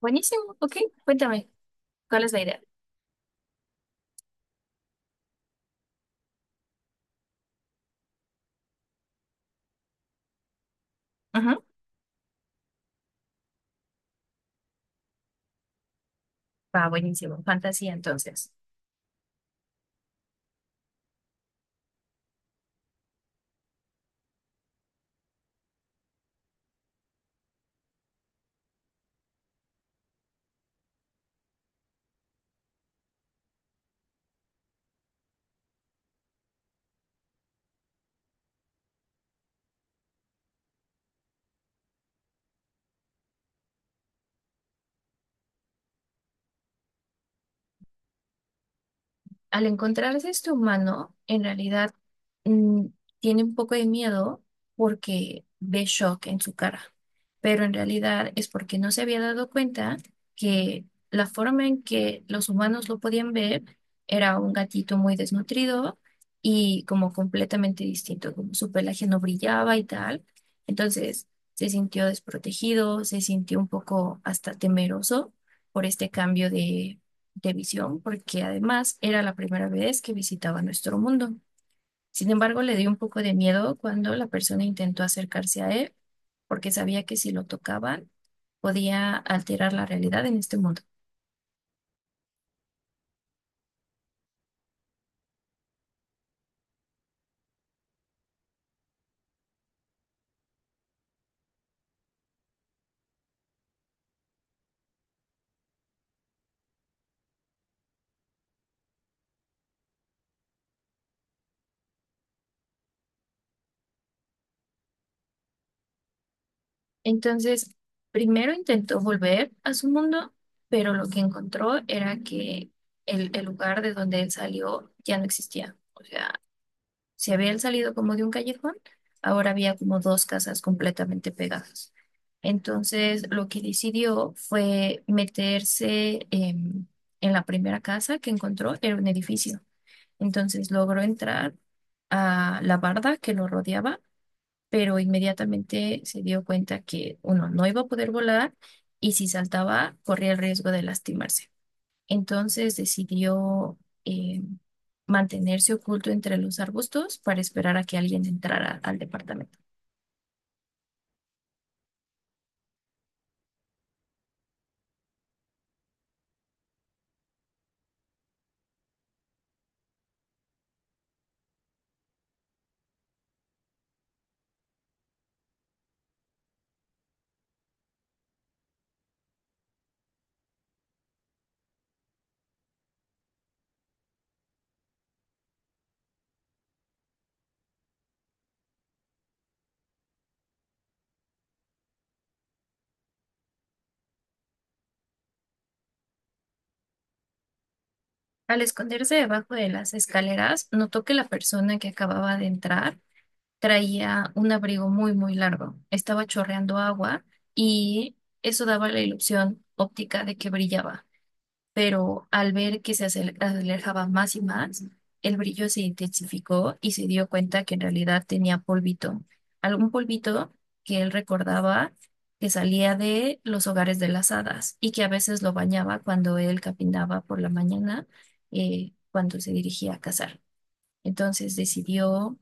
Buenísimo, ok. Cuéntame, ¿cuál es la idea? Ujú. Va, buenísimo. Fantasía, entonces. Al encontrarse este humano, en realidad mm, tiene un poco de miedo porque ve shock en su cara, pero en realidad es porque no se había dado cuenta que la forma en que los humanos lo podían ver era un gatito muy desnutrido y como completamente distinto, como su pelaje no brillaba y tal. Entonces se sintió desprotegido, se sintió un poco hasta temeroso por este cambio de visión, porque además era la primera vez que visitaba nuestro mundo. Sin embargo, le dio un poco de miedo cuando la persona intentó acercarse a él, porque sabía que si lo tocaban podía alterar la realidad en este mundo. Entonces, primero intentó volver a su mundo, pero lo que encontró era que el lugar de donde él salió ya no existía. O sea, si habían salido como de un callejón, ahora había como dos casas completamente pegadas. Entonces, lo que decidió fue meterse en la primera casa que encontró, era un edificio. Entonces, logró entrar a la barda que lo rodeaba, pero inmediatamente se dio cuenta que, uno, no iba a poder volar y si saltaba, corría el riesgo de lastimarse. Entonces decidió eh, mantenerse oculto entre los arbustos para esperar a que alguien entrara al departamento. Al esconderse debajo de las escaleras, notó que la persona que acababa de entrar traía un abrigo muy, muy largo. Estaba chorreando agua y eso daba la ilusión óptica de que brillaba. Pero al ver que alejaba más y más, el brillo se intensificó y se dio cuenta que en realidad tenía polvito, algún polvito que él recordaba que salía de los hogares de las hadas y que a veces lo bañaba cuando él caminaba por la mañana, cuando se dirigía a cazar. Entonces decidió,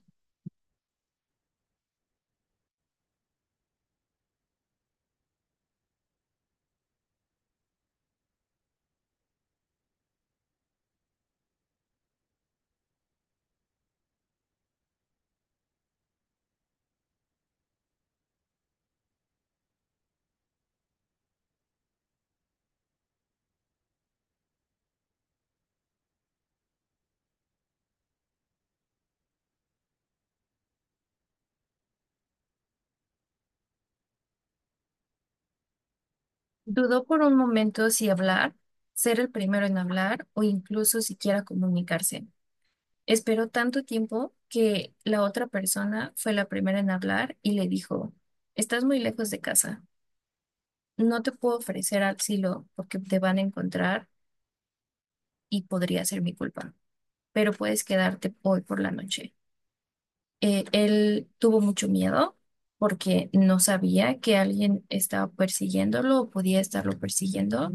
dudó por un momento si hablar, ser el primero en hablar o incluso siquiera comunicarse. Esperó tanto tiempo que la otra persona fue la primera en hablar y le dijo, estás muy lejos de casa, no te puedo ofrecer asilo porque te van a encontrar y podría ser mi culpa, pero puedes quedarte hoy por la noche. Él tuvo mucho miedo porque no sabía que alguien estaba persiguiéndolo o podía estarlo persiguiendo,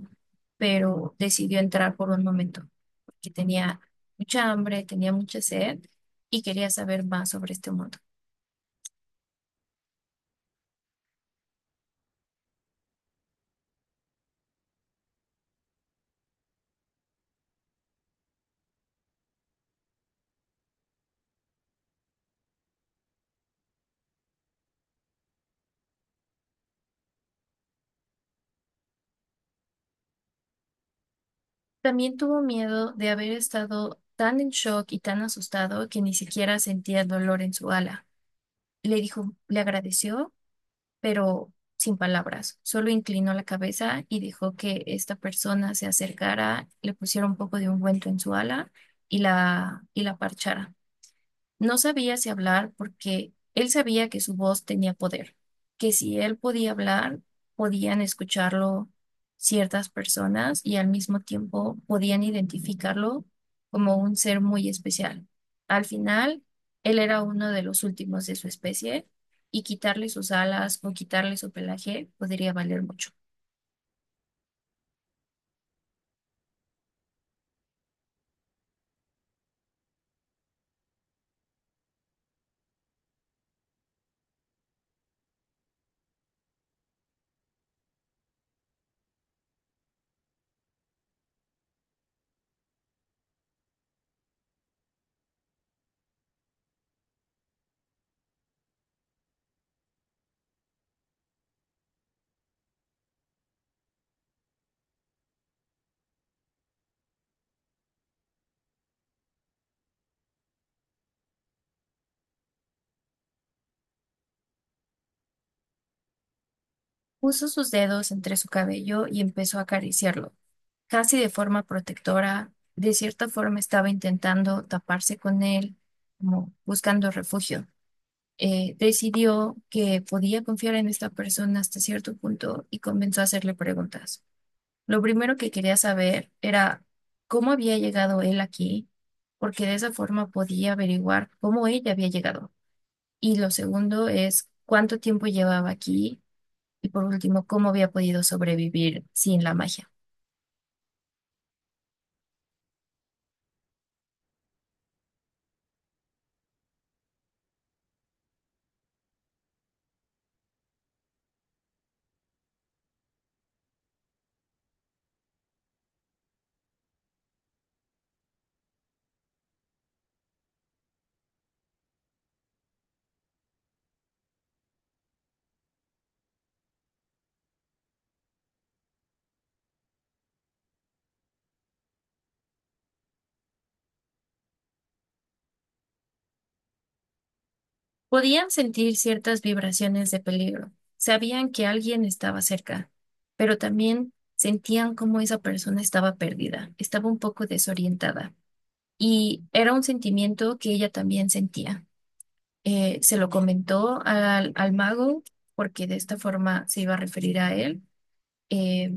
pero decidió entrar por un momento porque tenía mucha hambre, tenía mucha sed y quería saber más sobre este mundo. También tuvo miedo de haber estado tan en shock y tan asustado que ni siquiera sentía dolor en su ala. Le dijo, le agradeció, pero sin palabras. Solo inclinó la cabeza y dejó que esta persona se acercara, le pusiera un poco de ungüento en su ala y la parchara. No sabía si hablar porque él sabía que su voz tenía poder, que si él podía hablar, podían escucharlo ciertas personas y al mismo tiempo podían identificarlo como un ser muy especial. Al final, él era uno de los últimos de su especie y quitarle sus alas o quitarle su pelaje podría valer mucho. Puso sus dedos entre su cabello y empezó a acariciarlo, casi de forma protectora, de cierta forma estaba intentando taparse con él, como buscando refugio. Decidió que podía confiar en esta persona hasta cierto punto y comenzó a hacerle preguntas. Lo primero que quería saber era cómo había llegado él aquí, porque de esa forma podía averiguar cómo ella había llegado. Y lo segundo es cuánto tiempo llevaba aquí y por último, cómo había podido sobrevivir sin la magia. Podían sentir ciertas vibraciones de peligro. Sabían que alguien estaba cerca, pero también sentían cómo esa persona estaba perdida, estaba un poco desorientada. Y era un sentimiento que ella también sentía. Se lo comentó al mago porque de esta forma se iba a referir a él. Eh,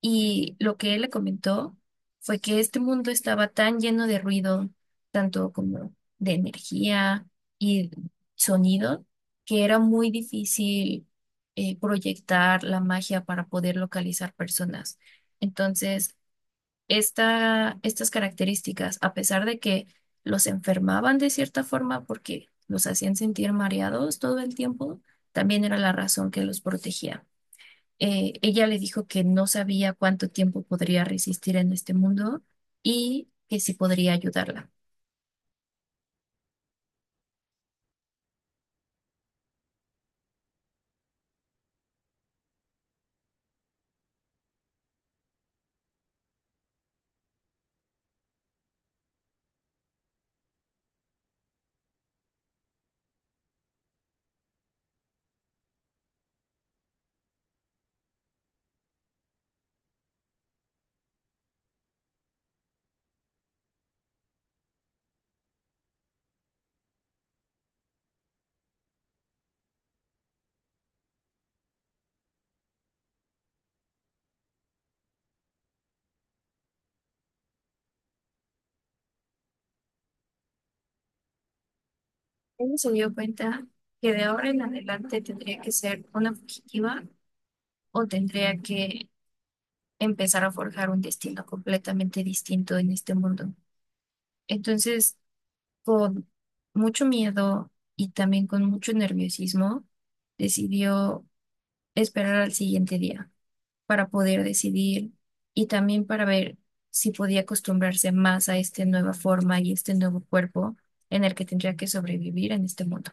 y lo que él le comentó fue que este mundo estaba tan lleno de ruido, tanto como de energía y sonido, que era muy difícil proyectar la magia para poder localizar personas. Entonces, estas características, a pesar de que los enfermaban de cierta forma porque los hacían sentir mareados todo el tiempo, también era la razón que los protegía. Ella le dijo que no sabía cuánto tiempo podría resistir en este mundo y que sí podría ayudarla. Ella se dio cuenta que de ahora en adelante tendría que ser una fugitiva o tendría que empezar a forjar un destino completamente distinto en este mundo. Entonces, con mucho miedo y también con mucho nerviosismo, decidió esperar al siguiente día, para poder decidir y también para ver si podía acostumbrarse más a esta nueva forma y este nuevo cuerpo en el que tendría que sobrevivir en este mundo.